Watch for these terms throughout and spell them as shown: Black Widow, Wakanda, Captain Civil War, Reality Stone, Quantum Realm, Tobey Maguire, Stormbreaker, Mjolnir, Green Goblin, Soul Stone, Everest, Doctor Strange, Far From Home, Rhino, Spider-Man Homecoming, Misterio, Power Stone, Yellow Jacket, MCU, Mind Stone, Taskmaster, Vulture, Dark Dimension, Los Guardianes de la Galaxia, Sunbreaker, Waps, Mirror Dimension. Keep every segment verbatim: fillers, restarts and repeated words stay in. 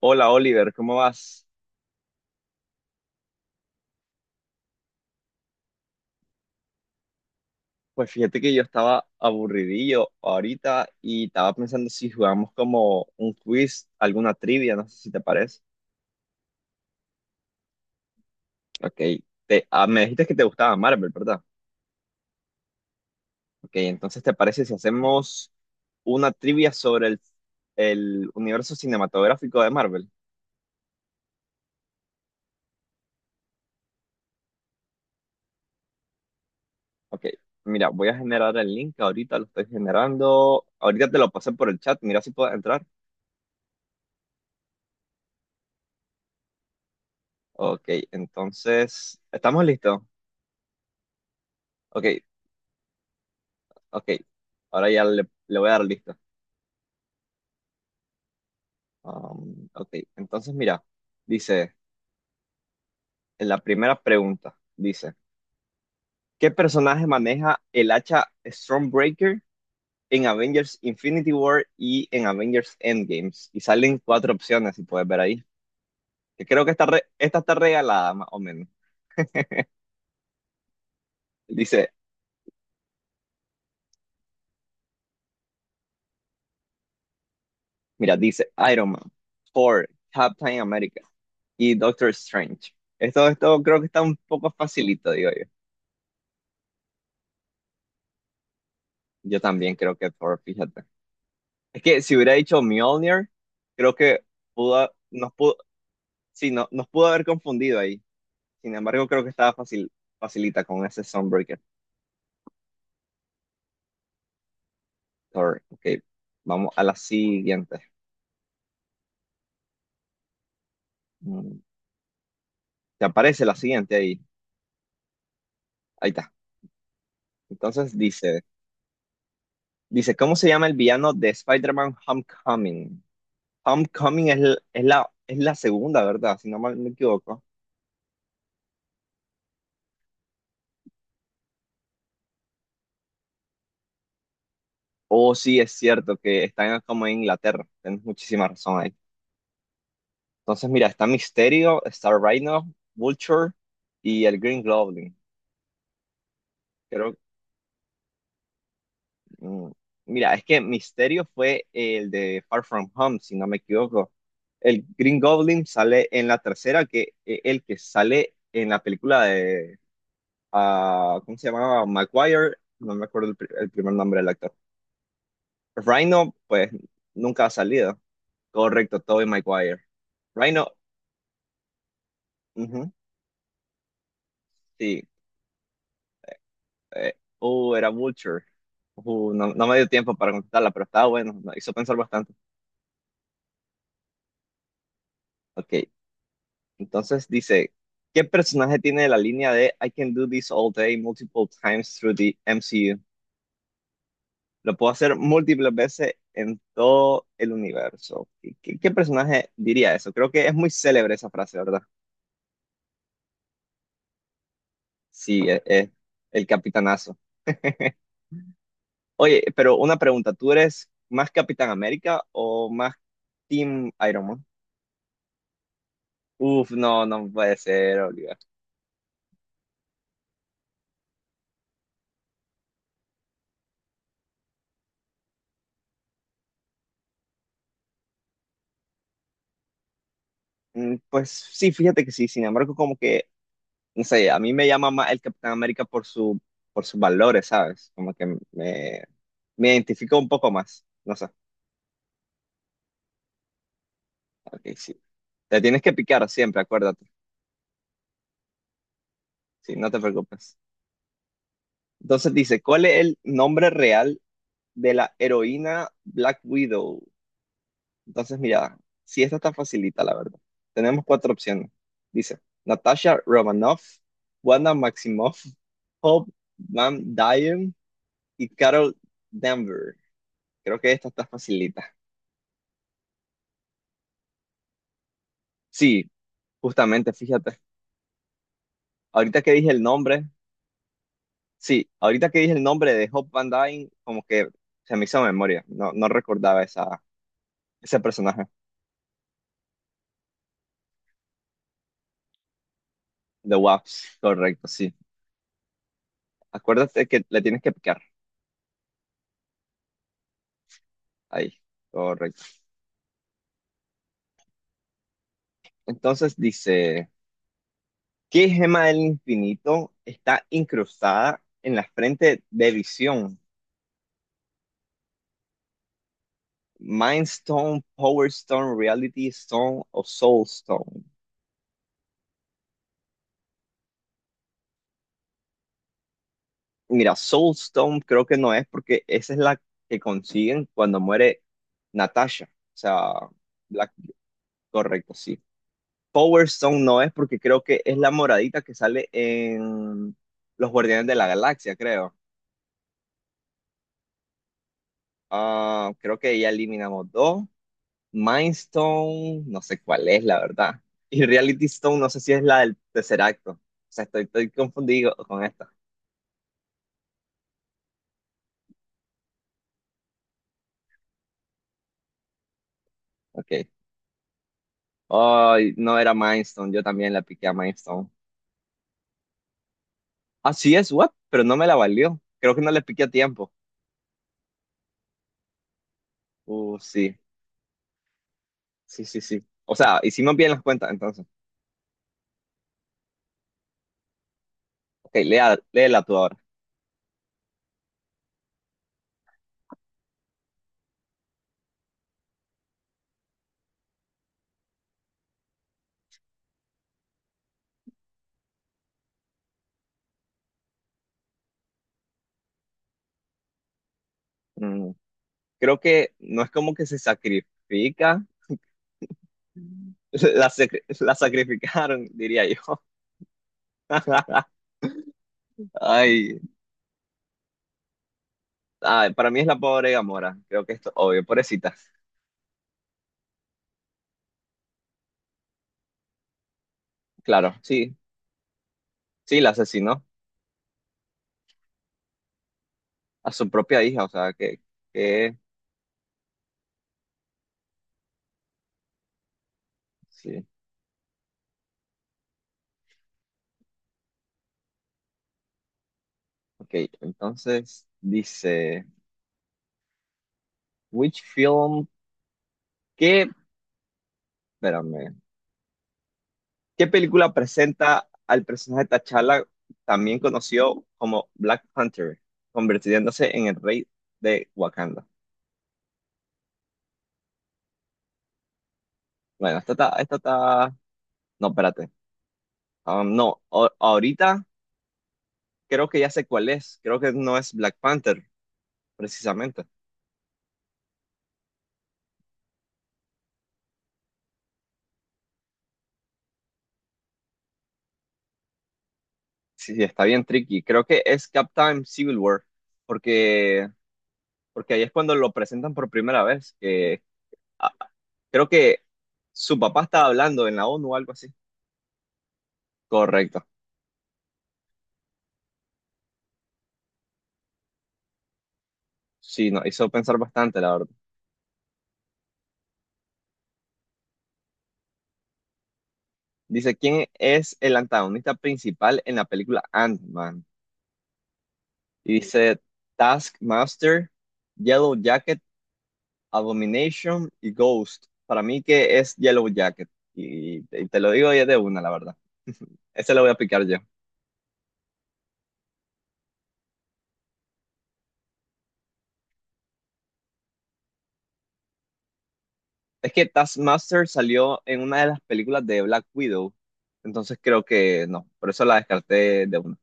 Hola Oliver, ¿cómo vas? Pues fíjate que yo estaba aburridillo ahorita y estaba pensando si jugamos como un quiz, alguna trivia, no sé si te parece. Ok, te, ah, me dijiste que te gustaba Marvel, ¿verdad? Ok, entonces ¿te parece si hacemos una trivia sobre el, el universo cinematográfico de Marvel? Ok, mira, voy a generar el link, ahorita lo estoy generando, ahorita te lo pasé por el chat, mira si puedes entrar. Ok, entonces, ¿estamos listos? Ok. Ok, ahora ya le, le voy a dar listo. Um, ok, entonces mira, dice, en la primera pregunta, dice, ¿qué personaje maneja el hacha Stormbreaker en Avengers Infinity War y en Avengers Endgames? Y salen cuatro opciones, si puedes ver ahí. Que creo que esta re- esta está regalada, más o menos. Dice, mira, dice Iron Man, Thor, Captain America y Doctor Strange. Esto, esto creo que está un poco facilito, digo yo. Yo también creo que Thor, fíjate. Es que si hubiera dicho Mjolnir, creo que pudo, ha- nos pudo, sí, no, nos pudo haber confundido ahí. Sin embargo, creo que estaba fácil, facilita con ese Sunbreaker. Thor. Ok, vamos a la siguiente. Mm, Te aparece la siguiente ahí. Ahí está. Entonces dice, dice, ¿cómo se llama el villano de Spider-Man Homecoming? Homecoming es, l- es la, es la segunda, ¿verdad? Si no mal me equivoco. Oh, sí, es cierto que están como en Inglaterra. Tienes muchísima razón ahí. Entonces, mira, está Misterio, está Rhino, Vulture y el Green Goblin. Creo, mm, mira, es que Misterio fue el de Far From Home, si no me equivoco. El Green Goblin sale en la tercera, que eh, el que sale en la película de, ah, ¿cómo se llamaba? Maguire, no me acuerdo el, pri- el primer nombre del actor. Rhino, pues, nunca ha salido. Correcto, Tobey Maguire. Rhino, ujú, sí. eh, uh, era Vulture. Uh, no, no me dio tiempo para contestarla, pero estaba bueno, me hizo pensar bastante. Ok, entonces dice, ¿qué personaje tiene la línea de I can do this all day multiple times through the M C U? Lo puedo hacer múltiples veces en todo el universo. ¿Qué, qué- qué personaje diría eso? Creo que es muy célebre esa frase, ¿verdad? Sí, es, es el capitanazo. Oye, pero una pregunta, ¿tú eres más Capitán América o más Team Iron Man? Uf, no, no puede ser, Oliver. Mm, Pues sí, fíjate que sí, sin embargo, como que, no sé, a mí me llama más el Capitán América por su, por sus valores, ¿sabes? Como que me, me identifico un poco más, no sé. Ok, sí. Te tienes que picar siempre, acuérdate, sí, no te preocupes. Entonces dice, ¿cuál es el nombre real de la heroína Black Widow? Entonces, mira, sí, esta está facilita, la verdad. Tenemos cuatro opciones. Dice, Natasha Romanoff, Wanda Maximoff, Hope Van Dyne y Carol Danvers. Creo que esta está facilita. Sí, justamente, fíjate. Ahorita que dije el nombre, sí, ahorita que dije el nombre de Hope Van Dyne, como que se me hizo memoria. No, no recordaba esa, ese personaje de Waps. Correcto, sí. Acuérdate que le tienes que picar. Ahí, correcto. Entonces dice, ¿qué gema del infinito está incrustada en la frente de Visión? Mind Stone, Power Stone, Reality Stone o Soul Stone. Mira, Soulstone creo que no es porque esa es la que consiguen cuando muere Natasha. O sea, la- correcto, sí. Power Stone no es porque creo que es la moradita que sale en Los Guardianes de la Galaxia, creo. Ah, creo que ya eliminamos dos. Mind Stone, no sé cuál es, la verdad. Y Reality Stone, no sé si es la del tercer acto. O sea, estoy, estoy confundido con esta. Ok. Ay, no era Mind Stone, yo también la piqué a Mind Stone. Así es, what? Pero no me la valió. Creo que no le piqué a tiempo. Uh, sí, sí, sí, sí. O sea, hicimos bien las cuentas, entonces. Ok, léa, léela tú ahora. Mm, creo que no es como que se sacrifica. La, sacri- la sacrificaron, diría yo. Ay, ay, para mí es la pobre Gamora. Creo que esto, obvio, pobrecita. Claro, sí, sí, la asesinó a su propia hija. O sea, que, que, sí. Ok, entonces dice, which film? ¿Qué Espérame. ¿Qué película presenta al personaje de T'Challa, también conocido como Black Panther, convirtiéndose en el rey de Wakanda? Bueno, esta está, esta está... No, espérate. Um, no, a- ahorita creo que ya sé cuál es. Creo que no es Black Panther, precisamente. Sí, sí, está bien tricky. Creo que es Captain Civil War, porque, porque ahí es cuando lo presentan por primera vez. Que, ah, Creo que su papá estaba hablando en la ONU o algo así. Correcto. Sí, nos hizo pensar bastante, la verdad. Dice, ¿quién es el antagonista principal en la película Ant-Man? Y dice, Taskmaster, Yellow Jacket, Abomination y Ghost. Para mí que es Yellow Jacket. Y, y te lo digo ya de una, la verdad. Ese lo voy a picar yo. Es que Taskmaster salió en una de las películas de Black Widow. Entonces creo que no. Por eso la descarté de una.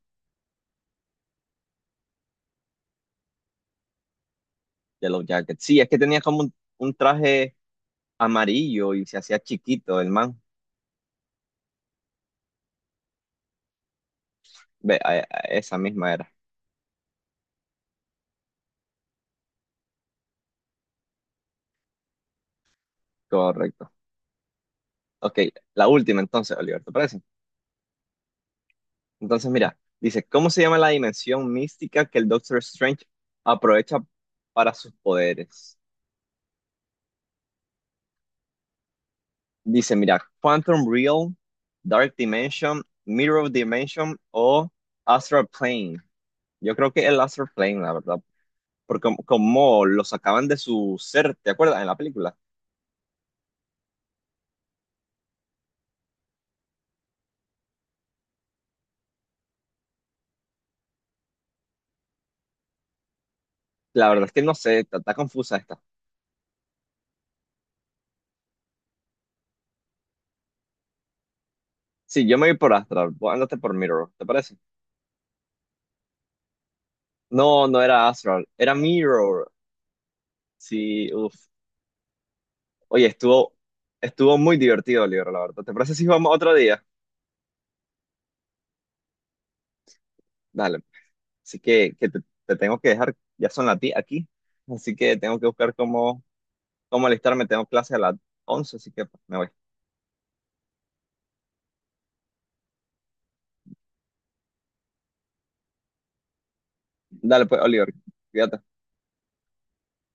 Yellow Jacket. Sí, es que tenía como un un traje amarillo y se hacía chiquito el man. Ve, a- a- esa misma era. Correcto. Ok, la última entonces, Oliver, ¿te parece? Entonces, mira, dice, ¿cómo se llama la dimensión mística que el Doctor Strange aprovecha para sus poderes? Dice, mira, Quantum Realm, Dark Dimension, Mirror Dimension o Astral Plane. Yo creo que el Astral Plane, la verdad, porque como, como lo sacaban de su ser, ¿te acuerdas? En la película. La verdad es que no sé, está, está confusa esta. Sí, yo me voy por Astral, vos andate por Mirror, ¿te parece? No, no era Astral, era Mirror. Sí, uff. Oye, estuvo, estuvo muy divertido el libro, la verdad. ¿Te parece si vamos otro día? Dale. Así que, que te, te tengo que dejar, ya son las diez aquí, así que tengo que buscar cómo, cómo alistarme. Tengo clase a las once, así que pues, me voy. Dale pues, Oliver, cuídate.